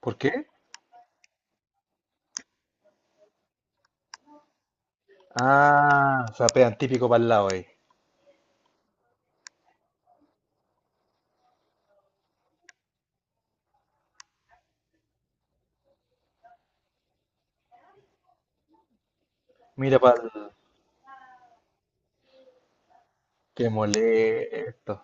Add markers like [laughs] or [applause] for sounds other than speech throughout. ¿Por qué? Ah, o sea, pegan típico para el lado ahí. Mira para el... Qué molesto.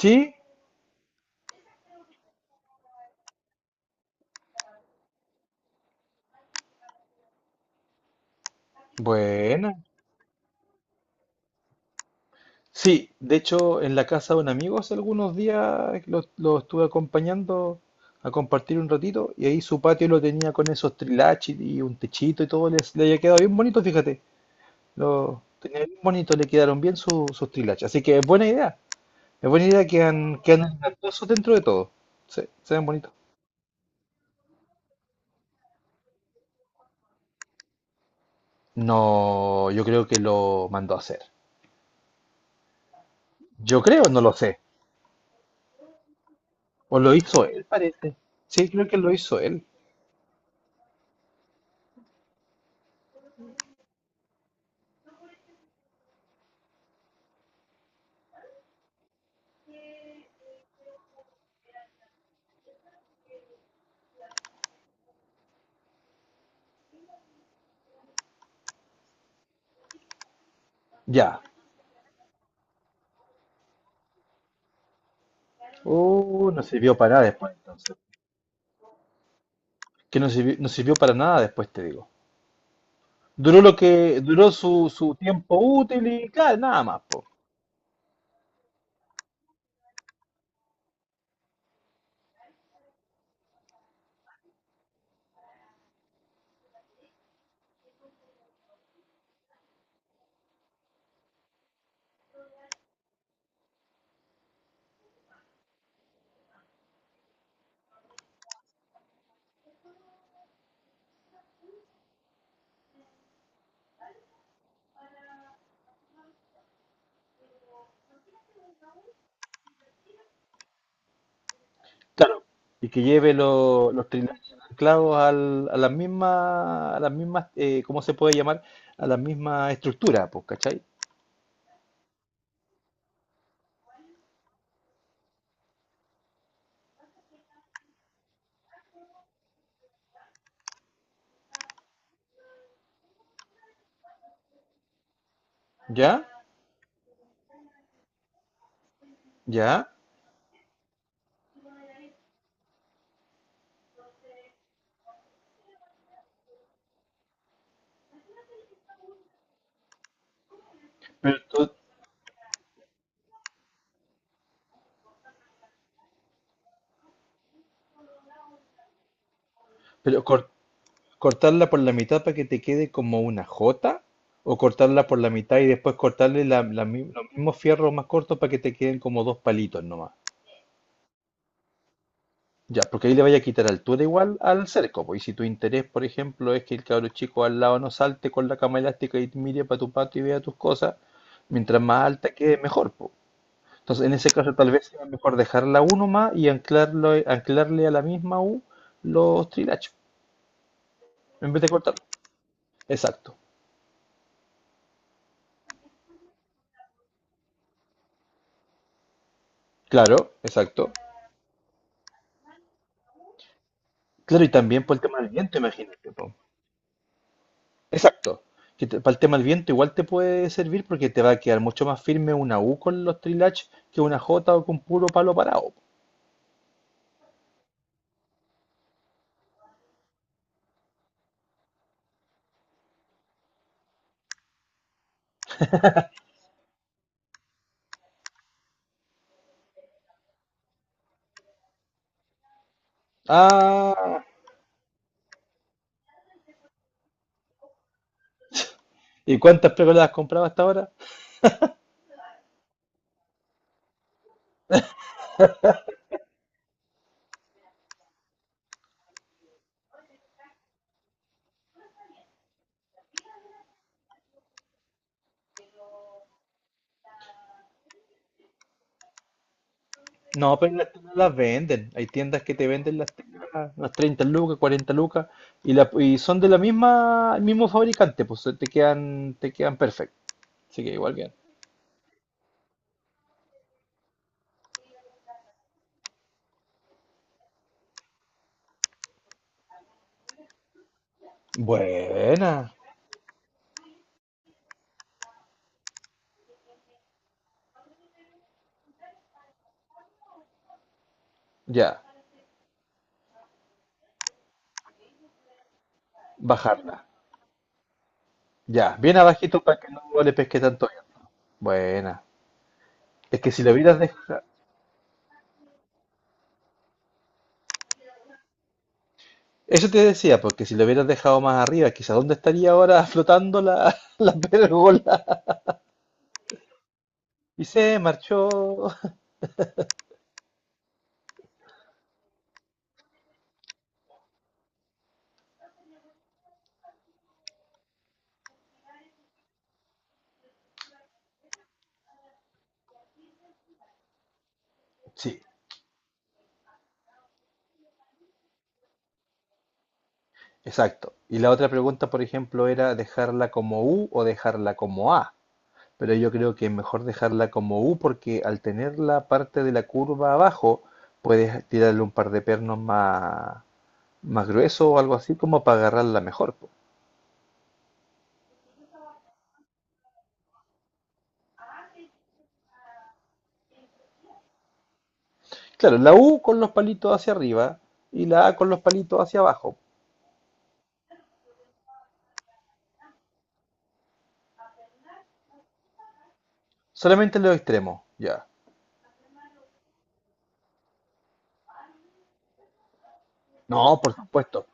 Sí, bueno. Sí, de hecho, en la casa de un amigo hace algunos días lo estuve acompañando a compartir un ratito y ahí su patio lo tenía con esos trilaches y un techito y todo, le había quedado bien bonito, fíjate. Lo tenía bien bonito, le quedaron bien sus trilaches. Así que es buena idea. Es buena idea que han dentro de todo. Sí, se ven bonitos. No, yo creo que lo mandó a hacer. Yo creo, no lo sé. O lo hizo él, parece. Sí, creo que lo hizo él. Ya. No sirvió para nada después, entonces. Que no sirvió, no sirvió para nada después, te digo. Duró lo que duró su tiempo útil y claro, nada más, po. Claro. Y que lleve los trineos anclados a las mismas, ¿cómo se puede llamar? A las mismas estructuras, pues, ¿cachai? ¿Ya? ¿Ya? Pero, tú- pero cor- cortarla por la mitad para que te quede como una jota, o cortarla por la mitad y después cortarle los mismos fierros más cortos para que te queden como dos palitos nomás. Ya, porque ahí le vaya a quitar altura igual al cerco, po. Y si tu interés, por ejemplo, es que el cabro chico al lado no salte con la cama elástica y mire para tu pato y vea tus cosas, mientras más alta quede, mejor, po. Entonces, en ese caso, tal vez sea mejor dejarla uno más y anclarle a la misma U los trilachos, en vez de cortarlo. Exacto. Claro, exacto. Claro, y también por el tema del viento, imagínate, po. Exacto. Para el tema del viento igual te puede servir porque te va a quedar mucho más firme una U con los trilach que una J o con puro palo parado. Ah, ¿y cuántas pérgolas has comprado hasta ahora? No, pero las teclas las venden. Hay tiendas que te venden las teclas, las 30 lucas, 40 lucas, y son de la misma, el mismo fabricante, pues te quedan, perfecto. Así que igual bien. Buena. Ya, bajarla. Ya, bien abajito para que no le pesque tanto avión. Buena. Es que si lo hubieras dejado... Eso te decía, porque si lo hubieras dejado más arriba, quizás dónde estaría ahora flotando la, [laughs] la pérgola. Y se marchó. Sí, exacto. Y la otra pregunta, por ejemplo, era dejarla como U o dejarla como A. Pero yo creo que es mejor dejarla como U porque al tener la parte de la curva abajo, puedes tirarle un par de pernos más, más gruesos o algo así como para agarrarla mejor, po. Claro, la U con los palitos hacia arriba y la A con los palitos hacia abajo. Solamente los extremos, ya. No, por supuesto.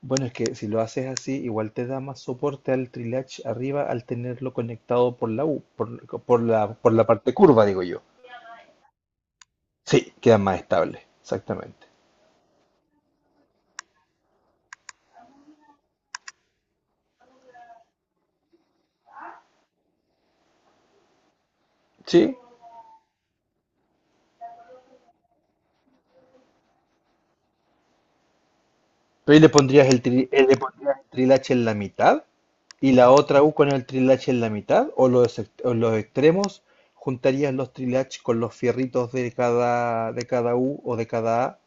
Bueno, es que si lo haces así, igual te da más soporte al trilatch arriba al tenerlo conectado por la U, por la parte curva, digo yo. Sí, queda más estable, exactamente. Sí, pero ahí le pondrías le pondrías el trilache en la mitad y la otra U con el trilache en la mitad o los extremos juntarías los trilaches con los fierritos de cada U o de cada A.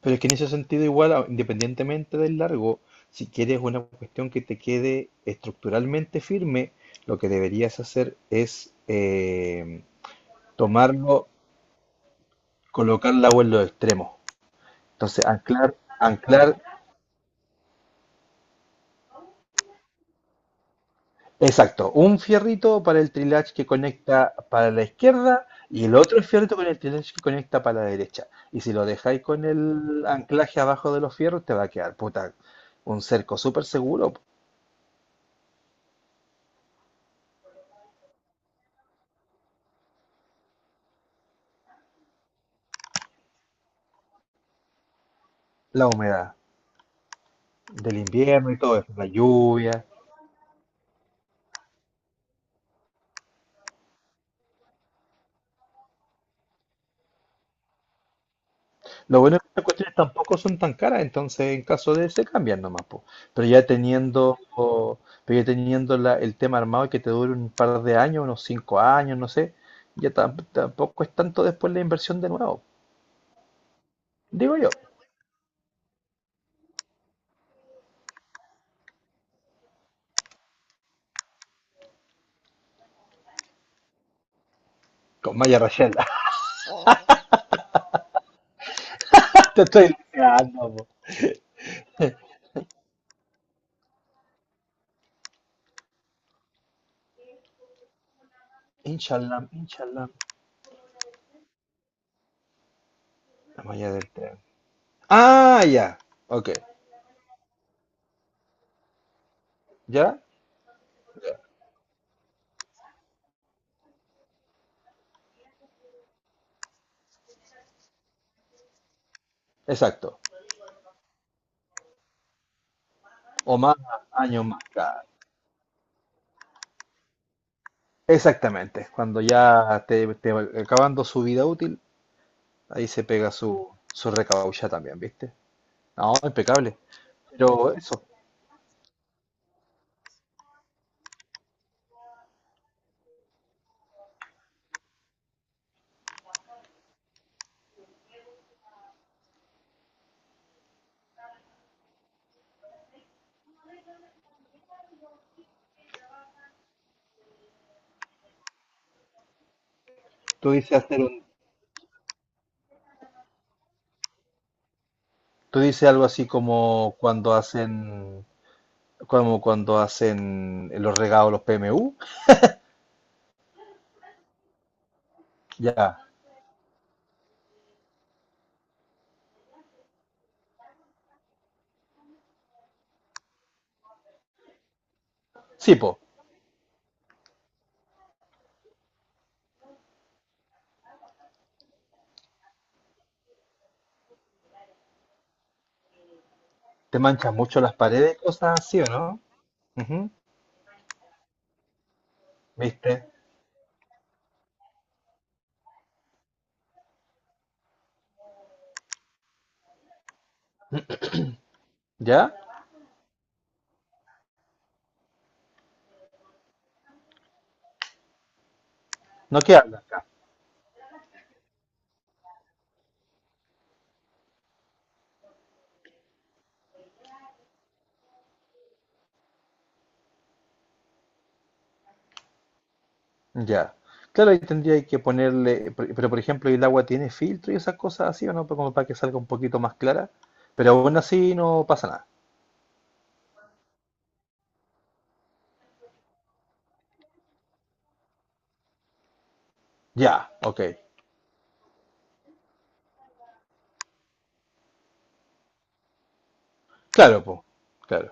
Pero es que en ese sentido igual, independientemente del largo, si quieres una cuestión que te quede estructuralmente firme, lo que deberías hacer es tomarlo, colocar la U en los extremos. Entonces, anclar. Exacto, un fierrito para el trilage que conecta para la izquierda y el otro fierrito con el trilage que conecta para la derecha. Y si lo dejáis con el anclaje abajo de los fierros, te va a quedar, puta, un cerco súper seguro. La humedad del invierno y todo eso, la lluvia. Lo bueno es que estas cuestiones tampoco son tan caras, entonces en caso de se cambian nomás, po. Pero ya teniendo, o- pero ya teniendo el tema armado y que te dure un par de años, unos 5 años, no sé, ya tampoco es tanto después la inversión de nuevo. Digo yo, con Maya Rachel, [laughs] te estoy diciendo, po. Inshallah, inshallah, la Maya del tren. Ah, ya, ok, ya, exacto. O más años más, claro. Exactamente, cuando ya te acabando su vida útil. Ahí se pega su recaucha también, ¿viste? No, impecable. Pero eso, tú dices hacer un, tú dices algo así como cuando hacen los regados, los PMU, ya. Sí, po, te manchas mucho las paredes, cosas así, ¿o no? Ujú. ¿Viste? ¿Ya? No queda acá. Ya. Claro, ahí tendría que ponerle, pero por ejemplo, ¿el agua tiene filtro y esas cosas así o no? Como para que salga un poquito más clara. Pero aún así no pasa nada. Ya, ok. Claro, po, claro.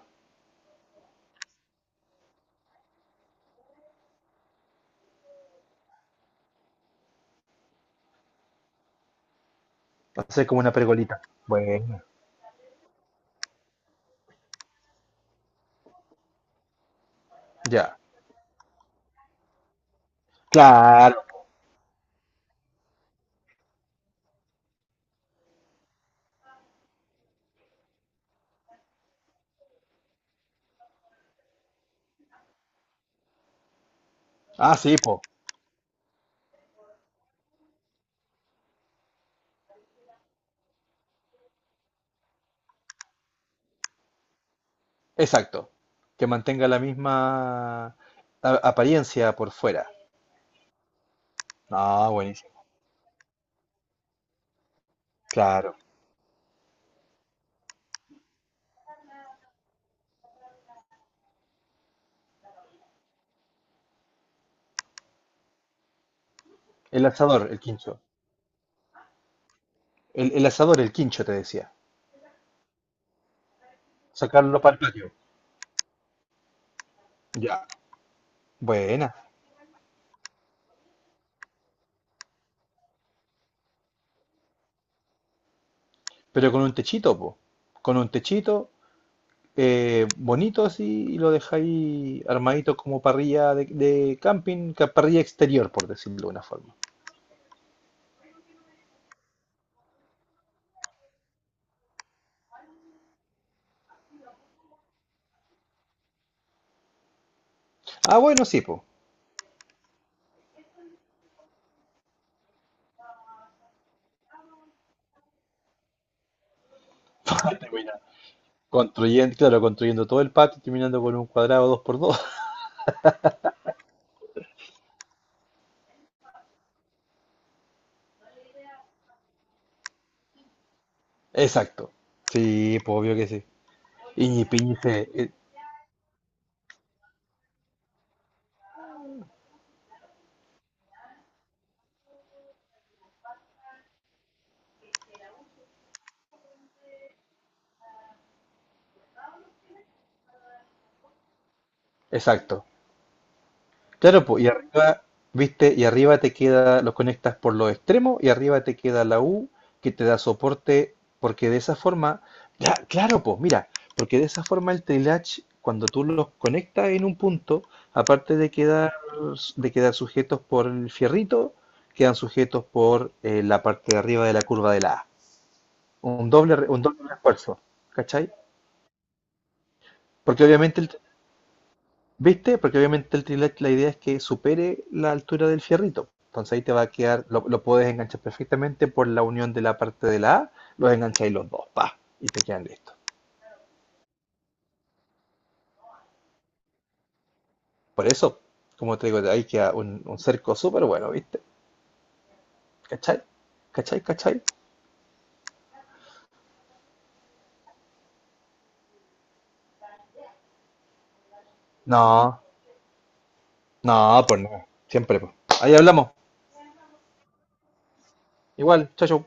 Hacer como una pergolita. Bueno. Ya, claro. Ah, sí, po. Exacto. Que mantenga la misma apariencia por fuera. Ah, buenísimo. Claro. El asador, el quincho. El asador, el quincho, te decía. Sacarlo para el patio. Ya. Buena. Pero con un techito, po. Con un techito bonito así y lo dejáis armadito como parrilla de camping, parrilla exterior, por decirlo de una forma. Ah, bueno, sí, po. [laughs] Termina construyendo, claro, construyendo todo el patio, y terminando con un cuadrado dos por dos. [laughs] Exacto. Sí, pues obvio que sí. Iñipiñi se. Exacto. Claro, pues, y arriba, viste, y arriba te queda, los conectas por los extremos y arriba te queda la U que te da soporte, porque de esa forma, ya, claro, pues, mira, porque de esa forma el trilatch, cuando tú los conectas en un punto, aparte de quedar, sujetos por el fierrito, quedan sujetos por la parte de arriba de la curva de la A. Un doble refuerzo, ¿cachai? Porque obviamente el ¿Viste? Porque obviamente el trilet la idea es que supere la altura del fierrito. Entonces ahí te va a quedar, lo puedes enganchar perfectamente por la unión de la parte de la A, los engancháis los dos, pa, y te quedan listos. Por eso, como te digo, ahí queda un cerco súper bueno, ¿viste? ¿Cachai? ¿Cachai? ¿Cachai? No, no, pues no, siempre, pues. Ahí hablamos. Igual, chau, chau.